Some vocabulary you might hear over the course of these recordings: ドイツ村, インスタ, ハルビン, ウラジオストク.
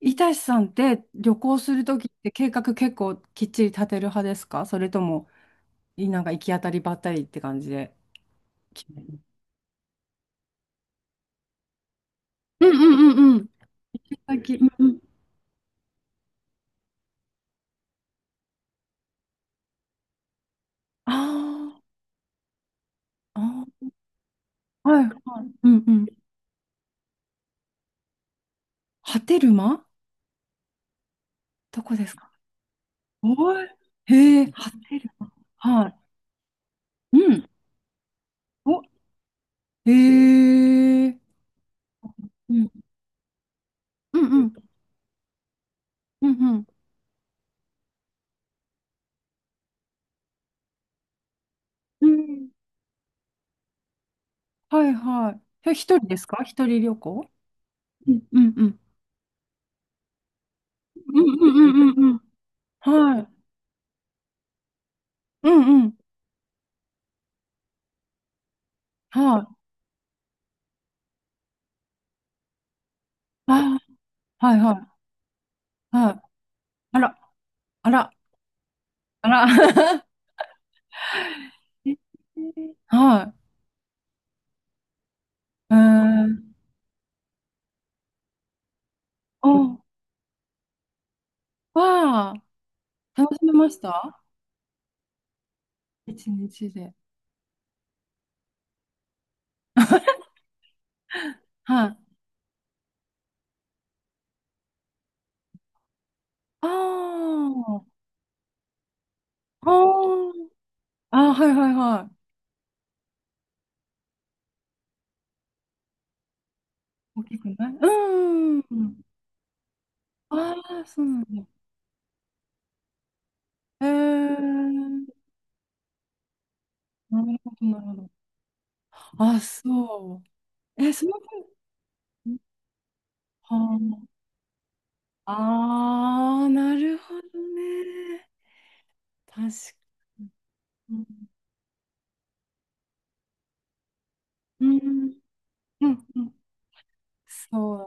いたしさんって、旅行するときって計画結構きっちり立てる派ですか？それとも、なんか行き当たりばったりって感じで。決める。行き先、うん。あー。あー、はい、はい。うんうん。波照間、どこですか？おい。へえ、波照間。はい。うん。お、へえ。うんうんうんうんうん。うん、はいはい。え、一人ですか？一人旅行？うんうんうん。うんうんうんうんうん。はい。うんうん。はい。ああ、はいはい、はい。あら、あら、あら。えー、はい。えー、お、わあ、楽しめました？一日で。はい。ああ、あー。あー、はいはいはい。大きくない、うん。ああ、そうなんだ。えー、なるほど、なるほど。あ、そう。え、その分、はあ、ああ、なるほどね。確かに。うん、うん、うん。そう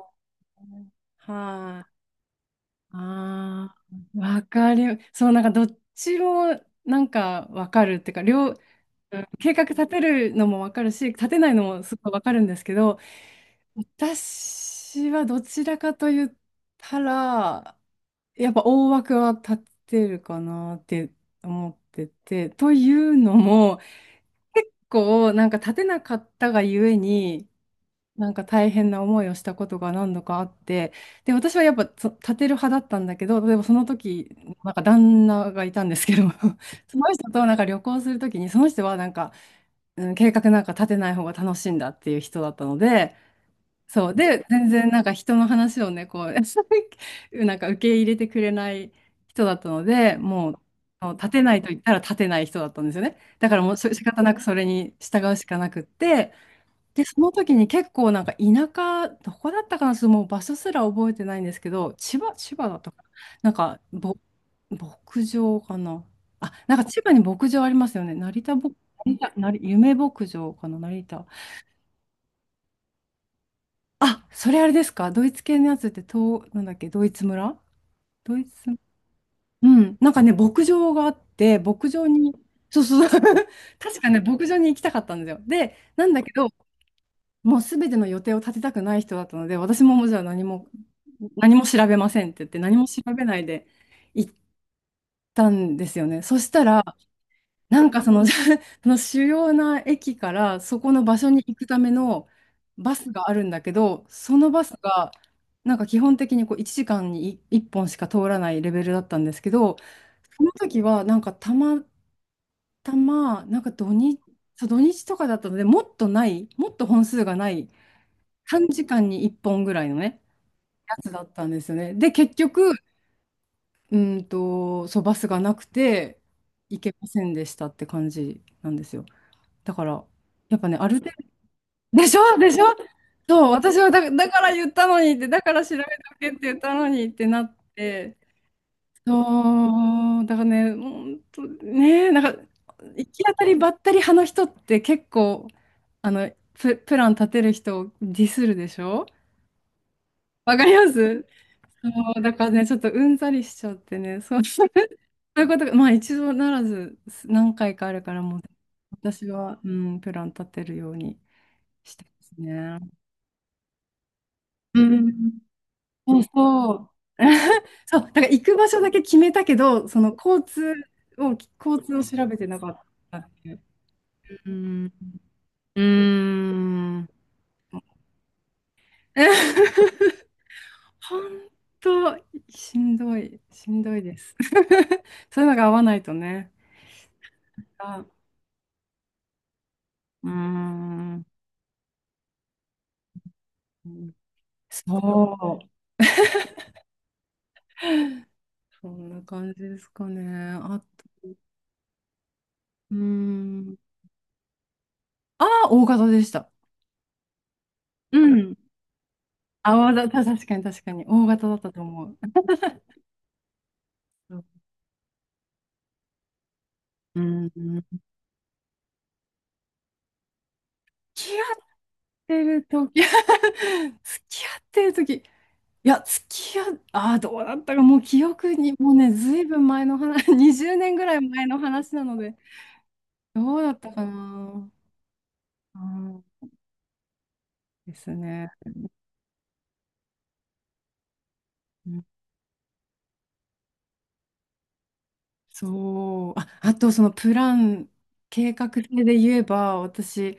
だね。はい。ああ、わかる。そう、なんかどっちもなんかわかるっていうか、うん、計画立てるのもわかるし、立てないのもすごいわかるんですけど、私はどちらかと言ったら、やっぱ大枠は立てるかなって思ってて、というのも、結構なんか立てなかったがゆえに、なんか大変な思いをしたことが何度かあって、で、私はやっぱ立てる派だったんだけど、例えばその時、なんか旦那がいたんですけど、その人となんか旅行する時に、その人はなんか、うん、計画なんか立てない方が楽しいんだっていう人だったので、そう、で、全然なんか人の話をね、こう、なんか受け入れてくれない人だったので、もう、あの立てないと言ったら立てない人だったんですよね。だからもう仕方なくそれに従うしかなくって、で、その時に結構なんか田舎、どこだったかな、ちょっともう場所すら覚えてないんですけど、千葉、千葉だったかな。なんか、牧場かな。あ、なんか千葉に牧場ありますよね。成田牧、成田、成夢牧場かな、成田。あ、それあれですか？ドイツ系のやつって、と、なんだっけ、ドイツ村、ドイツ、うん。なんかね、牧場があって、牧場に、そうそうそう。確かね、牧場に行きたかったんですよ。で、なんだけど、もうすべての予定を立てたくない人だったので、私ももうじゃあ何も、何も調べませんって言って、何も調べないで行ったんですよね。そしたら、なんかその、その主要な駅からそこの場所に行くためのバスがあるんだけど、そのバスが、なんか基本的にこう1時間に1本しか通らないレベルだったんですけど、その時はなんかたまたま、なんか土日、そう土日とかだったので、もっとない、もっと本数がない。短時間に1本ぐらいのね、やつだったんですよね。で、結局、そう、バスがなくて、行けませんでしたって感じなんですよ。だから、やっぱね、ある程度、でしょでしょ。そう、私はだから言ったのにって、だから調べておけって言ったのにってなって、そう、だからね、本当ね、なんか、行き当たりばったり派の人って結構、あの、プラン立てる人をディスるでしょ？わかります？そうだからね、ちょっとうんざりしちゃってね、そう、そういうことが、まあ一度ならず何回かあるからもう、私は、うん、プラン立てるようにしてますね。うん。そうそう。そう、だから行く場所だけ決めたけど、その交通を、交通を調べてなかったっていう。うん。うーん。本当、しんどい、しんどいです。そういうのが合わないとね。あ、うーん。そう。そんな感じですかね。あと、うーん。ああ、大型でした。うん。あ、わざた確かに確かに。大型だったと思う。そう、うん。付き合ってる時 付き合ってる時、いや、付き合っ、ああ、どうだったか、もう記憶に、もうね、ずいぶん前の話、20年ぐらい前の話なので、どうだったかな。うんですね。そう。あ、あとそのプラン、計画性で言えば、私、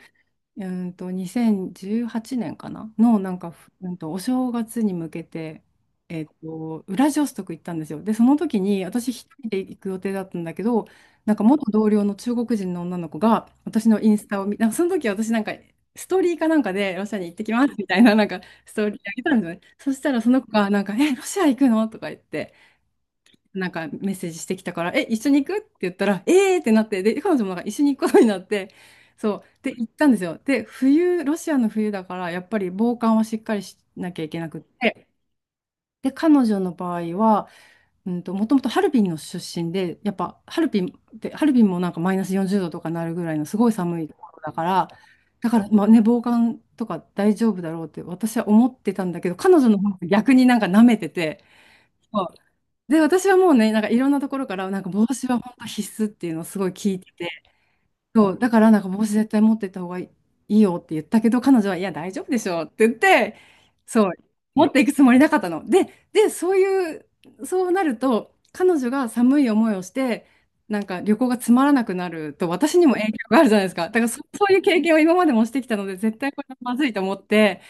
2018年かなの、なんか、お正月に向けて、ウラジオストク行ったんですよ。で、その時に、私一人で行く予定だったんだけど、なんか元同僚の中国人の女の子が、私のインスタをなんかその時私なんか、ストーリーかなんかでロシアに行ってきますみたいな、なんかストーリーあげたんですよね。そしたらその子が、なんか、え、ロシア行くのとか言って、なんかメッセージしてきたから、え、一緒に行くって言ったら、えーってなって、で、彼女もなんか一緒に行くことになって、そう、で、行ったんですよ。で、冬、ロシアの冬だから、やっぱり防寒はしっかりしなきゃいけなくって、で、彼女の場合は、もともとハルビンの出身で、やっぱハルビンって、ハルビンもなんかマイナス40度とかなるぐらいのすごい寒いところだから、だから、まあね、防寒とか大丈夫だろうって私は思ってたんだけど、彼女の方が逆になんか舐めてて、で、私はもうね、なんかいろんなところから、なんか帽子は本当必須っていうのをすごい聞いてて、そう、だからなんか帽子絶対持ってった方がいいよって言ったけど、彼女は、いや、大丈夫でしょうって言って、そう、持っていくつもりなかったの。で、そういう、そうなると、彼女が寒い思いをして、なんか旅行がつまらなくなると、私にも影響があるじゃないですか。だからそういう経験を今までもしてきたので、絶対これはまずいと思って、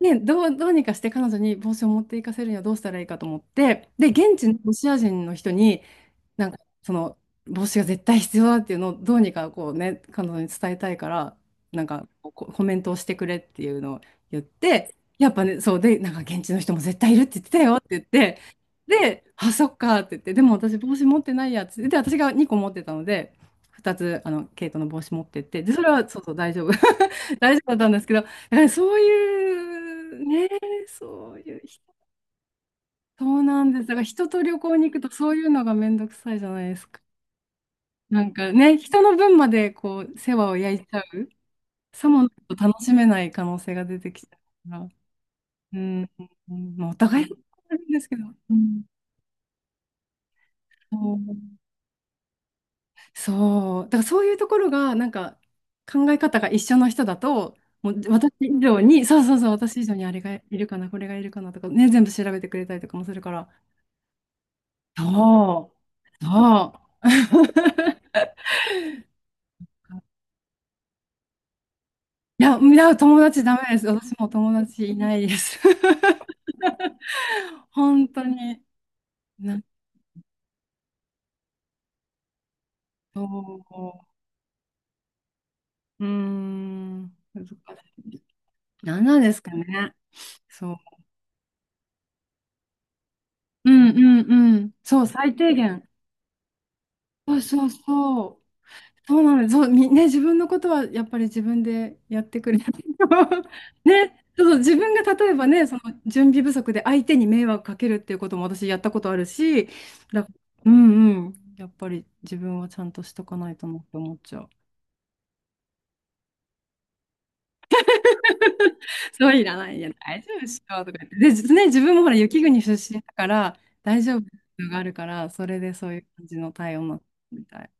ね、どうにかして彼女に帽子を持っていかせるにはどうしたらいいかと思って、で、現地のロシア人の人に、なんかその帽子が絶対必要だっていうのをどうにかこうね彼女に伝えたいから、なんかコメントをしてくれっていうのを言って、やっぱねそうで、なんか現地の人も絶対いるって言ってたよって言って、で「あ、そっか」って言って、「でも私帽子持ってないや」っつって、で私が2個持ってたので、2つあのケイトの帽子持ってって、でそれはそうそう大丈夫 大丈夫だったんですけど、だからそういうね、そういう人、そうなんです、だから人と旅行に行くとそういうのがめんどくさいじゃないですか。なんかね、人の分までこう、世話を焼いちゃう。さもないと楽しめない可能性が出てきちゃうから。うん、まあ、お互いにあるんですけど。うん、そう、そうだからそういうところが、なんか考え方が一緒の人だと、もう私以上に、そうそうそう、私以上にあれがいるかな、これがいるかなとか、ね、全部調べてくれたりとかもするから。そう、そう。いや、いや、友達ダメです。私も友達いないです。本当に、な、そう、うーん、難しい。何なんですかね。そう。うんうんうん。そう、最低限。そうそうそう。そうなのよ。そう、自分のことはやっぱり自分でやってくれないと。 ね、そう、自分が例えばね、その準備不足で相手に迷惑かけるっていうことも私やったことあるし、だ、うんうん。やっぱり自分はちゃんとしとかないとなって思っちゃう。そういらない。いや、大丈夫っしょとか言って。で、実ね、自分もほら、雪国出身だから、大丈夫があるから、それでそういう感じの対応になったみたい。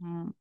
うん。